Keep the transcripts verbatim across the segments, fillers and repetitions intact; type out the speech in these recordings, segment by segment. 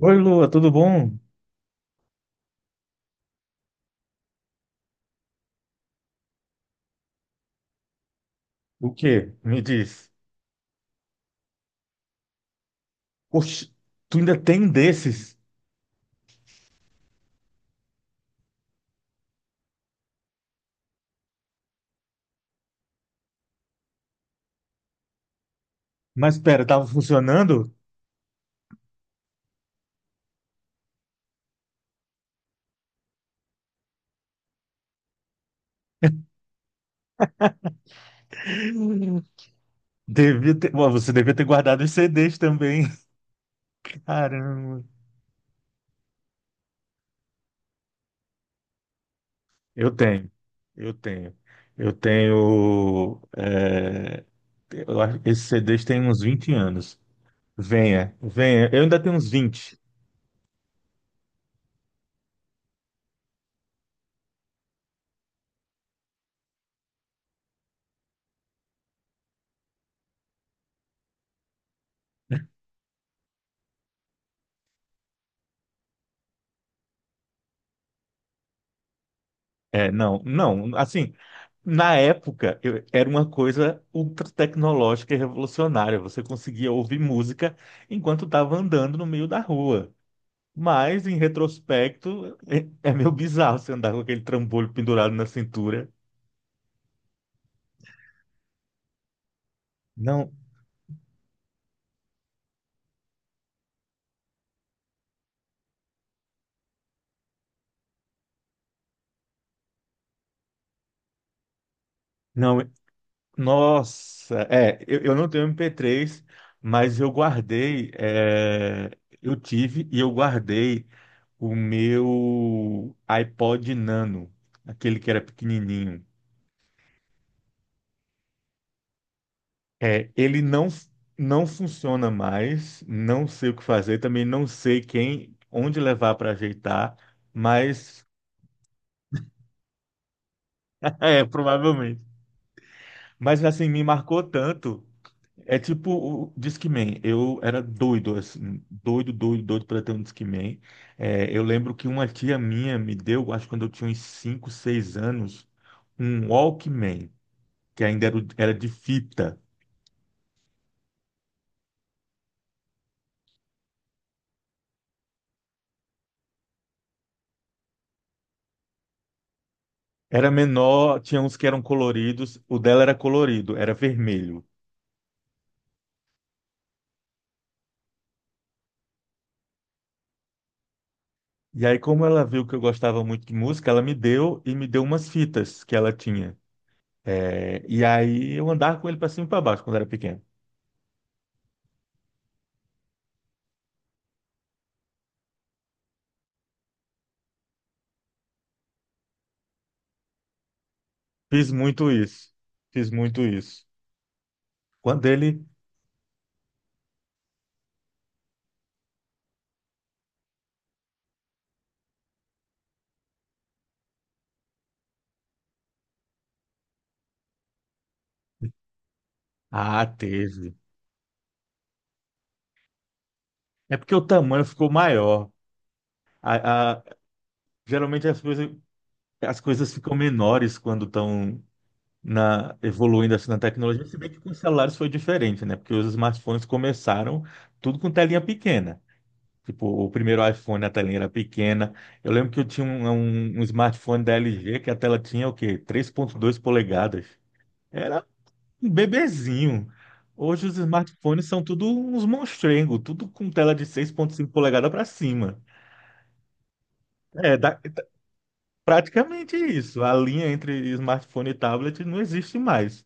Oi, Lua, tudo bom? O quê? Me diz. Oxe, tu ainda tem um desses? Mas pera, tava funcionando? Devia ter... ...Ué, você devia ter guardado os C Ds também. Caramba. Eu tenho, eu tenho. Eu tenho. É, eu acho que esses C Ds têm uns vinte anos. Venha, venha. Eu ainda tenho uns vinte. É, não, não, assim, Na época, eu- era uma coisa ultra tecnológica e revolucionária. Você conseguia ouvir música enquanto estava andando no meio da rua. Mas, em retrospecto, é, é meio bizarro você andar com aquele trambolho pendurado na cintura. Não, não, nossa, é, eu, eu não tenho M P três, mas eu guardei, é, eu tive e eu guardei o meu iPod Nano, aquele que era pequenininho. É, ele não, não funciona mais, não sei o que fazer, também não sei quem, onde levar para ajeitar, mas é, provavelmente. Mas assim, me marcou tanto. É tipo o Disque Man. Eu era doido, assim, doido, doido, doido para ter um Disque Man. É, eu lembro que uma tia minha me deu, acho que quando eu tinha uns cinco, seis anos, um Walkman, que ainda era, o- era de fita. Era menor, tinha uns que eram coloridos, o dela era colorido, era vermelho. E aí, como ela viu que eu gostava muito de música, ela me deu e me deu umas fitas que ela tinha. É, e aí eu andava com ele para cima e para baixo quando era pequeno. Fiz muito isso. Fiz muito isso. Quando ele. Ah, teve. É porque o tamanho ficou maior. A- a- Geralmente as coisas, as coisas ficam menores quando estão na, evoluindo assim na tecnologia. Se bem que com os celulares foi diferente, né? Porque os smartphones começaram tudo com telinha pequena. Tipo, o primeiro iPhone, a telinha era pequena. Eu lembro que eu tinha um, um- um smartphone da L G que a tela tinha o quê? três ponto dois polegadas. Era um bebezinho. Hoje os smartphones são tudo uns monstrengos, tudo com tela de seis ponto cinco polegadas para cima. É da- Praticamente isso. A linha entre smartphone e tablet não existe mais.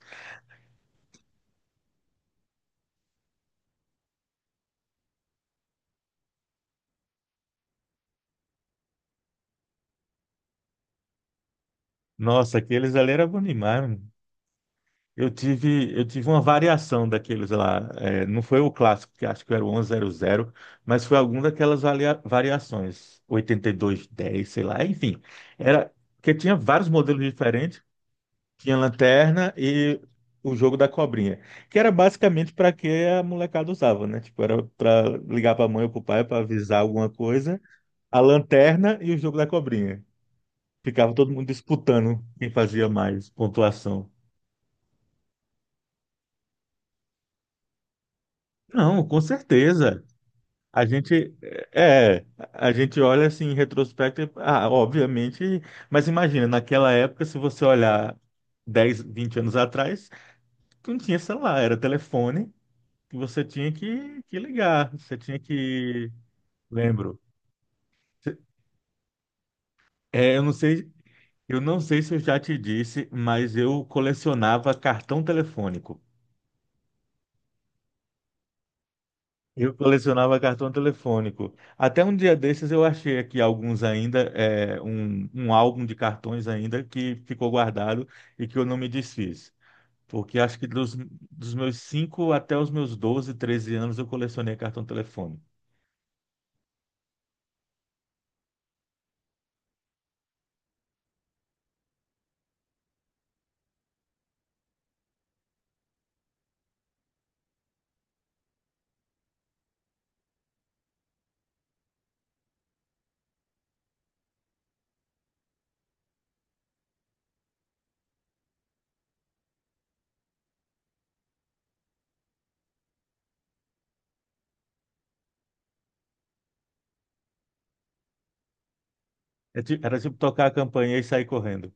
Nossa, aqueles ali era bom demais. Eu tive, eu tive uma variação daqueles lá. É, não foi o clássico, que acho que era o onze zero zero, mas foi alguma daquelas varia- variações. Oitenta e dois dez, sei lá. Enfim, era porque tinha vários modelos diferentes. Tinha lanterna e o jogo da cobrinha, que era basicamente para que a molecada usava, né? Tipo, era para ligar para a mãe ou para o pai para avisar alguma coisa. A lanterna e o jogo da cobrinha. Ficava todo mundo disputando quem fazia mais pontuação. Não, com certeza. A gente é, a gente olha assim em retrospecto, e, ah, obviamente, mas imagina, naquela época, se você olhar dez, vinte anos atrás, não tinha celular, era telefone que você tinha que, que ligar, você tinha que, lembro. É, eu não sei, eu não sei se eu já te disse, mas eu colecionava cartão telefônico. Eu colecionava cartão telefônico. Até um dia desses eu achei aqui alguns ainda, é, um, um álbum de cartões ainda que ficou guardado e que eu não me desfiz. Porque acho que dos, dos meus cinco até os meus doze, treze anos eu colecionei cartão telefônico. É ti- Era tipo tocar a campainha e sair correndo.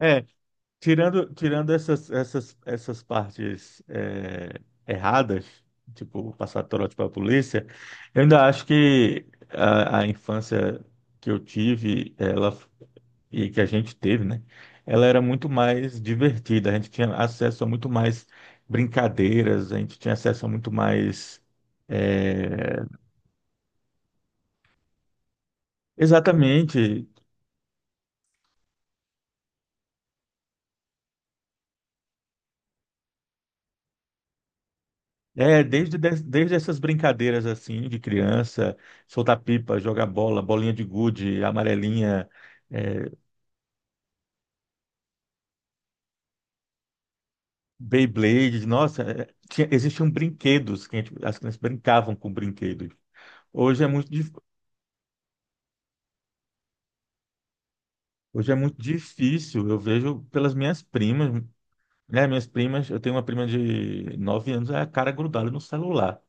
É. Tirando, tirando essas, essas, essas partes é, erradas, tipo passar trote para a polícia, eu ainda acho que a, a infância que eu tive, ela e que a gente teve, né? Ela era muito mais divertida. A gente tinha acesso a muito mais brincadeiras, a gente tinha acesso a muito mais é, exatamente, É, desde, des- desde essas brincadeiras assim de criança, soltar pipa, jogar bola, bolinha de gude, amarelinha, é, Beyblade, nossa, é, tinha- existiam brinquedos que a gente- as crianças brincavam com brinquedos. Hoje é muito, dif- Hoje é muito difícil, eu vejo pelas minhas primas, né? Minhas primas, eu tenho uma prima de nove anos, é a cara grudada no celular.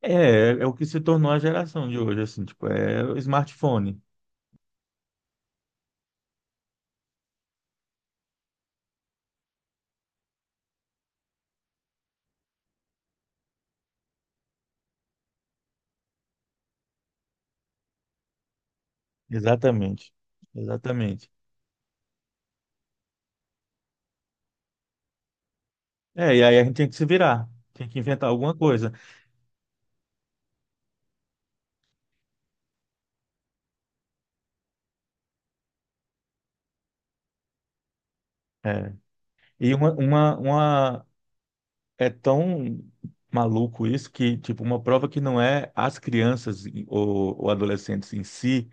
É, é o que se tornou a geração de hoje, assim, tipo, é o smartphone. Exatamente, exatamente. É, e aí a gente tem que se virar, tem que inventar alguma coisa. É. E uma, uma, uma- é tão maluco isso que, tipo, uma prova que não é as crianças e- ou, ou adolescentes em si,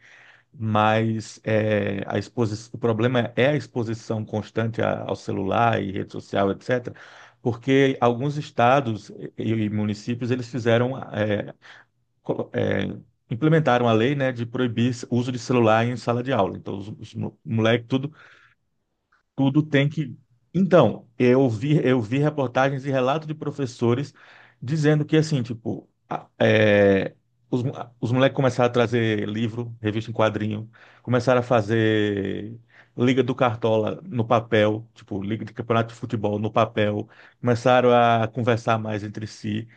mas é, a exposição, o problema é a exposição constante a- ao celular e rede social, etcétera. Porque alguns estados e, e municípios, eles fizeram, é, colo- é, implementaram a lei, né, de proibir o uso de celular em sala de aula. Então, os, os moleques tudo tem que. Então, eu vi, eu vi reportagens e relatos de professores dizendo que, assim, tipo, a- é, os, mo- os moleques começaram a trazer livro, revista em quadrinho, começaram a fazer Liga do Cartola no papel, tipo, Liga de Campeonato de Futebol no papel, começaram a conversar mais entre si,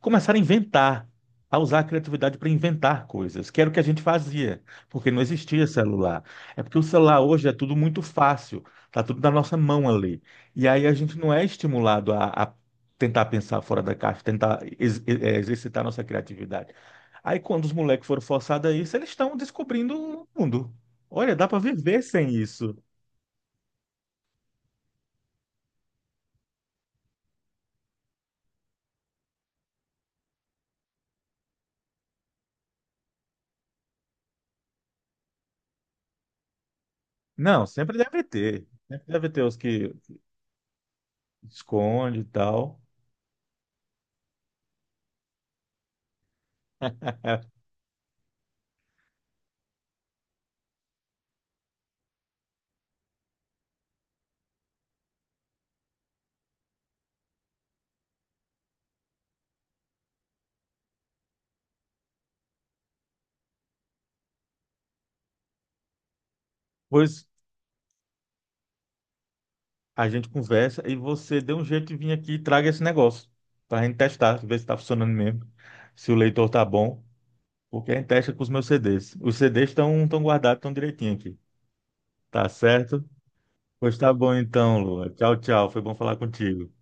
começaram a inventar. A usar a criatividade para inventar coisas, que era o que a gente fazia, porque não existia celular. É porque o celular hoje é tudo muito fácil. Tá tudo na nossa mão ali. E aí a gente não é estimulado a, a tentar pensar fora da caixa, tentar ex- eh, exercitar nossa criatividade. Aí quando os moleques foram forçados a isso, eles estão descobrindo o mundo. Olha, dá para viver sem isso. Não, sempre deve ter. Sempre deve ter os que esconde e tal. É, pois a gente conversa e você dê um jeito de vir aqui e traga esse negócio para a gente testar, ver se está funcionando mesmo, se o leitor tá bom. Porque a gente testa com os meus C Ds. Os C Ds estão estão guardados, estão direitinho aqui. Tá certo? Pois tá bom então, Lua. Tchau, tchau. Foi bom falar contigo.